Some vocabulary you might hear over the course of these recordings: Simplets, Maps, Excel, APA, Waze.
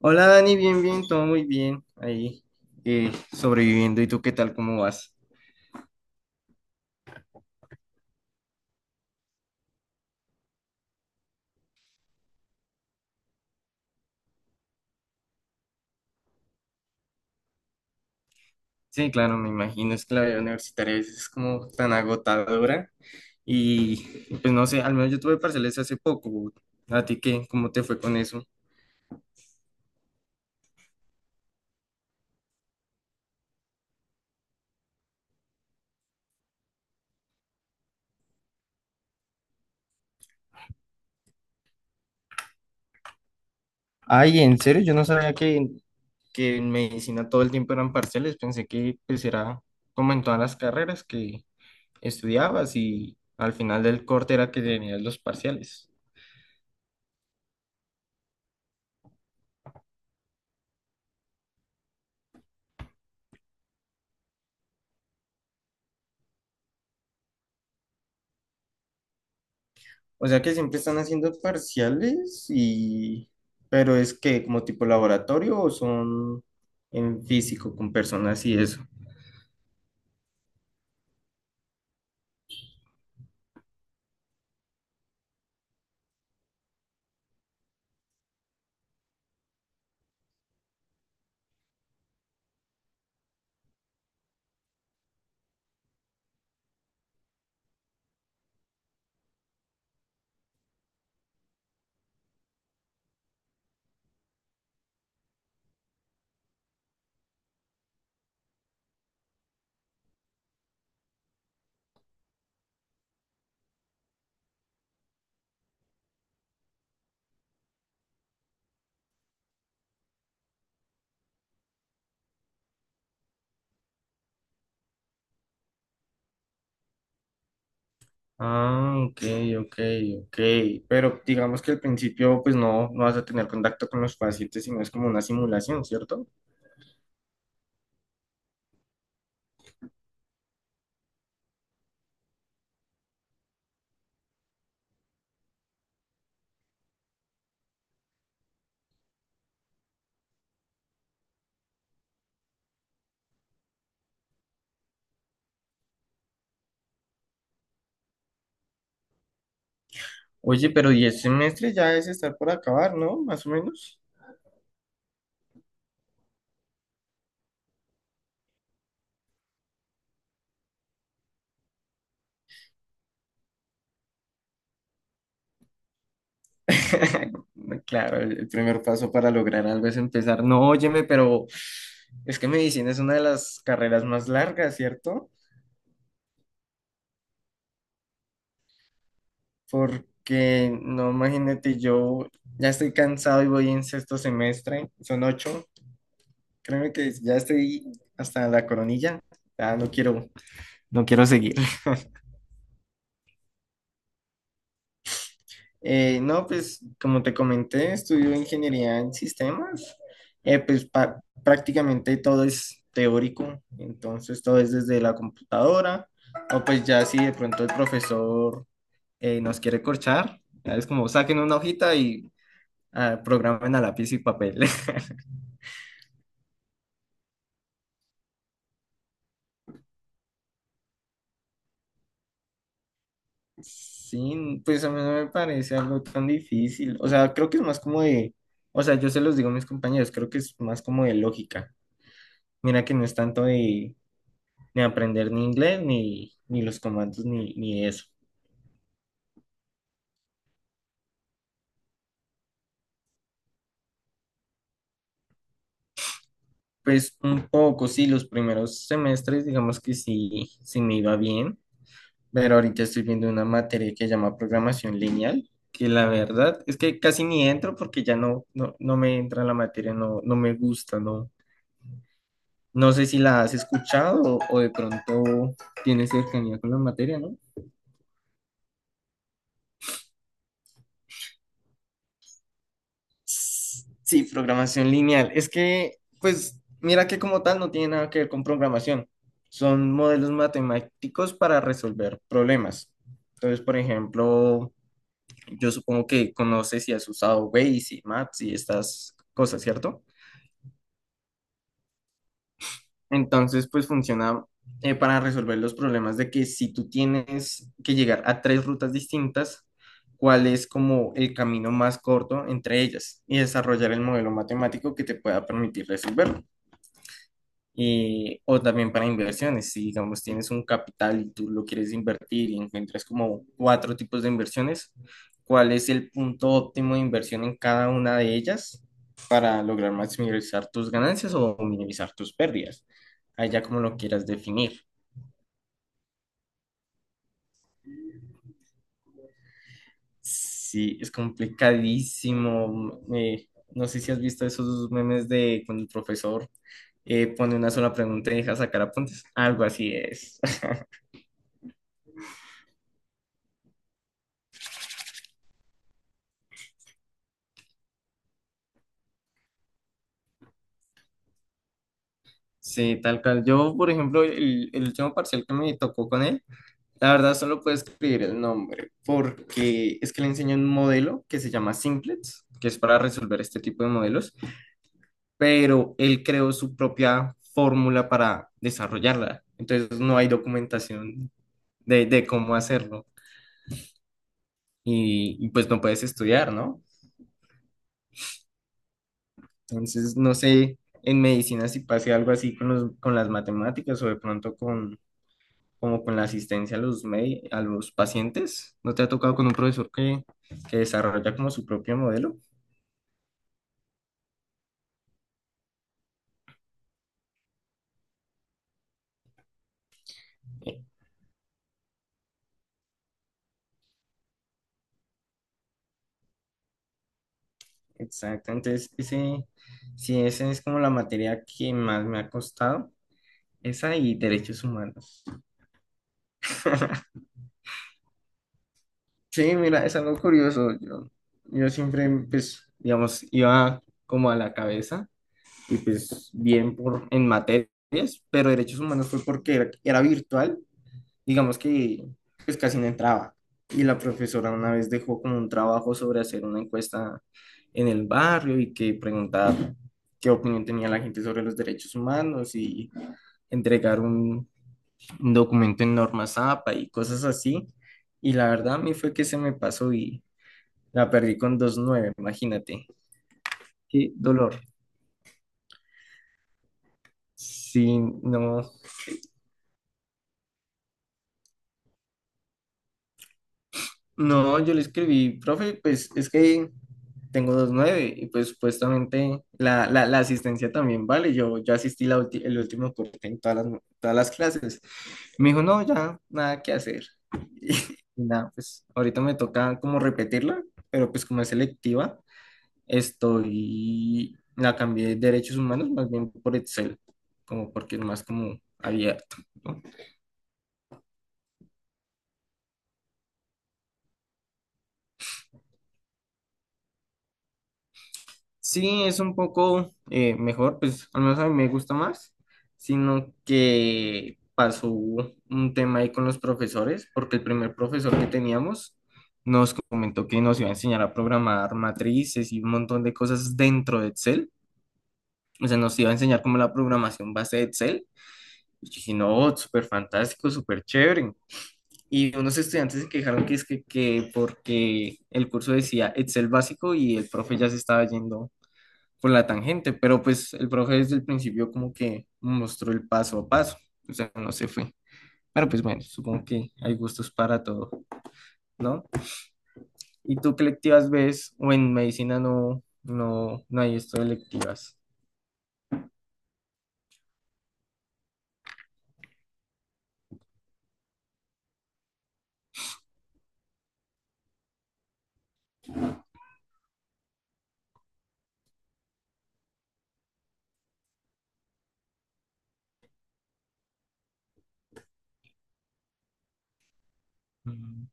Hola Dani, bien, bien, todo muy bien. Ahí sobreviviendo. ¿Y tú qué tal? ¿Cómo vas? Sí, claro, me imagino. Es que la vida universitaria a veces es como tan agotadora. Y pues no sé, al menos yo tuve parciales hace poco. ¿A ti qué? ¿Cómo te fue con eso? Ay, ¿en serio? Yo no sabía que en medicina todo el tiempo eran parciales. Pensé que pues era como en todas las carreras que estudiabas y al final del corte era que tenías los parciales. O sea que siempre están haciendo parciales y... Pero es que como tipo laboratorio o son en físico con personas y eso. Ah, ok, ok, ok. Pero digamos que al principio pues no, no vas a tener contacto con los pacientes, sino es como una simulación, ¿cierto? Oye, pero 10 semestres ya es estar por acabar, ¿no? Más o menos. Claro, el primer paso para lograr algo es empezar. No, óyeme, pero es que medicina es una de las carreras más largas, ¿cierto? Porque no, imagínate, yo ya estoy cansado y voy en sexto semestre, son ocho, créeme que ya estoy hasta la coronilla, ya no quiero, no quiero seguir. No, pues como te comenté, estudio ingeniería en sistemas, pues prácticamente todo es teórico, entonces todo es desde la computadora, o pues ya si de pronto el profesor nos quiere corchar, ya es como saquen una hojita y ah, programen a lápiz y papel. Sí, pues a mí no me parece algo tan difícil. O sea, creo que es más como de, o sea, yo se los digo a mis compañeros, creo que es más como de lógica. Mira que no es tanto de, ni aprender ni inglés, ni, ni los comandos, ni, ni eso. Pues un poco, sí, los primeros semestres, digamos que sí, sí me iba bien, pero ahorita estoy viendo una materia que se llama programación lineal, que la verdad es que casi ni entro porque ya no, no, no me entra la materia, no, no me gusta, no, no sé si la has escuchado o de pronto tienes cercanía con la materia, ¿no? Sí, programación lineal. Es que, pues, mira que como tal no tiene nada que ver con programación. Son modelos matemáticos para resolver problemas. Entonces, por ejemplo, yo supongo que conoces y has usado Waze y Maps y estas cosas, ¿cierto? Entonces, pues funciona para resolver los problemas de que si tú tienes que llegar a tres rutas distintas, cuál es como el camino más corto entre ellas y desarrollar el modelo matemático que te pueda permitir resolverlo. Y, o también para inversiones, si digamos tienes un capital y tú lo quieres invertir y encuentras como cuatro tipos de inversiones, ¿cuál es el punto óptimo de inversión en cada una de ellas para lograr maximizar tus ganancias o minimizar tus pérdidas? Allá como lo quieras definir. Sí, es complicadísimo. No sé si has visto esos memes de cuando el profesor pone una sola pregunta y deja sacar apuntes. Algo así es. Sí, tal cual. Yo, por ejemplo, el último parcial que me tocó con él, la verdad solo puedo escribir el nombre, porque es que le enseño un modelo que se llama Simplets, que es para resolver este tipo de modelos, pero él creó su propia fórmula para desarrollarla. Entonces no hay documentación de cómo hacerlo y pues no puedes estudiar, ¿no? Entonces no sé en medicina si pase algo así con los, con las matemáticas o de pronto como con la asistencia a los, a los pacientes. ¿No te ha tocado con un profesor que desarrolla como su propio modelo? Eh, Exacto, entonces ese, sí, esa es como la materia que más me ha costado, esa y derechos humanos. Sí, mira, es algo curioso, yo siempre, pues, digamos, iba como a la cabeza y pues bien por, en materias, pero derechos humanos fue porque era virtual. Digamos que pues casi no entraba. Y la profesora una vez dejó como un trabajo sobre hacer una encuesta en el barrio y que preguntar qué opinión tenía la gente sobre los derechos humanos y entregar un documento en norma APA y cosas así. Y la verdad a mí fue que se me pasó y la perdí con 2.9, imagínate. Qué dolor. Sí, no, no, yo le escribí, profe, pues es que tengo 2.9 y pues supuestamente la asistencia también vale. Yo asistí la el último corte en todas las clases. Me dijo, no, ya, nada que hacer. Y, nada, pues ahorita me toca como repetirla, pero pues como es selectiva, estoy, la cambié de derechos humanos más bien por Excel, como porque es más como abierto, ¿no? Sí, es un poco mejor, pues al menos a mí me gusta más, sino que pasó un tema ahí con los profesores, porque el primer profesor que teníamos nos comentó que nos iba a enseñar a programar matrices y un montón de cosas dentro de Excel, o sea, nos iba a enseñar como la programación base de Excel, y yo dije, no, súper fantástico, súper chévere. Y unos estudiantes se quejaron que es que porque el curso decía Excel básico y el profe ya se estaba yendo por la tangente, pero pues el profe desde el principio como que mostró el paso a paso, o sea, no se fue. Pero pues bueno, supongo que hay gustos para todo, ¿no? ¿Y tú qué electivas ves? O en medicina no, no, no hay esto de electivas. Mm,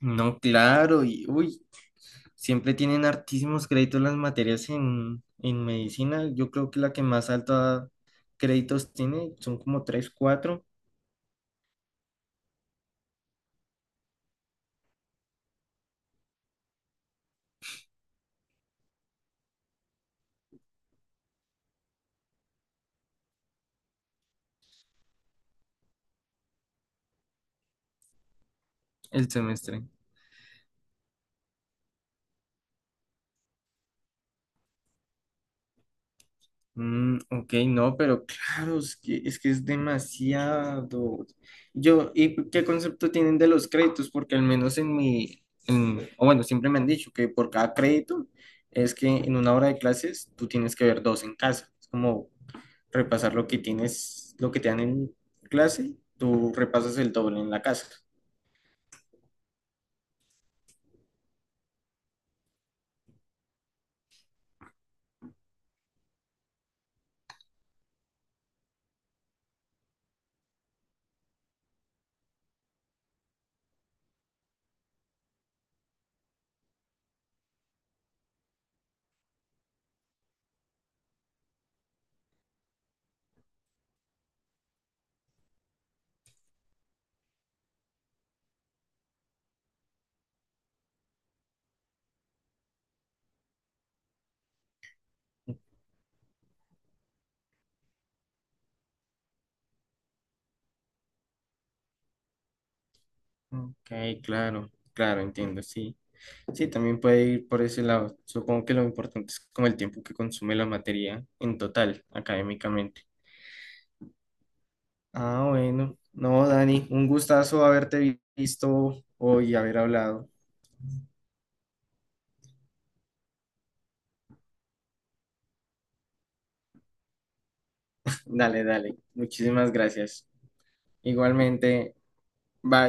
no, claro, y uy, siempre tienen hartísimos créditos las materias en medicina. Yo creo que la que más alta créditos tiene son como 3 4 el semestre. Mm, ok, no, pero claro, es que, es que es demasiado. Yo, ¿y qué concepto tienen de los créditos? Porque al menos en mi, en- o bueno, siempre me han dicho que por cada crédito es que en una hora de clases tú tienes que ver dos en casa. Es como repasar lo que tienes, lo que te dan en clase, tú repasas el doble en la casa. Ok, claro, claro, entiendo, sí. Sí, también puede ir por ese lado. Supongo que lo importante es como el tiempo que consume la materia en total, académicamente. Ah, bueno. No, Dani, un gustazo haberte visto hoy y haber hablado. Dale, dale. Muchísimas gracias. Igualmente, bye.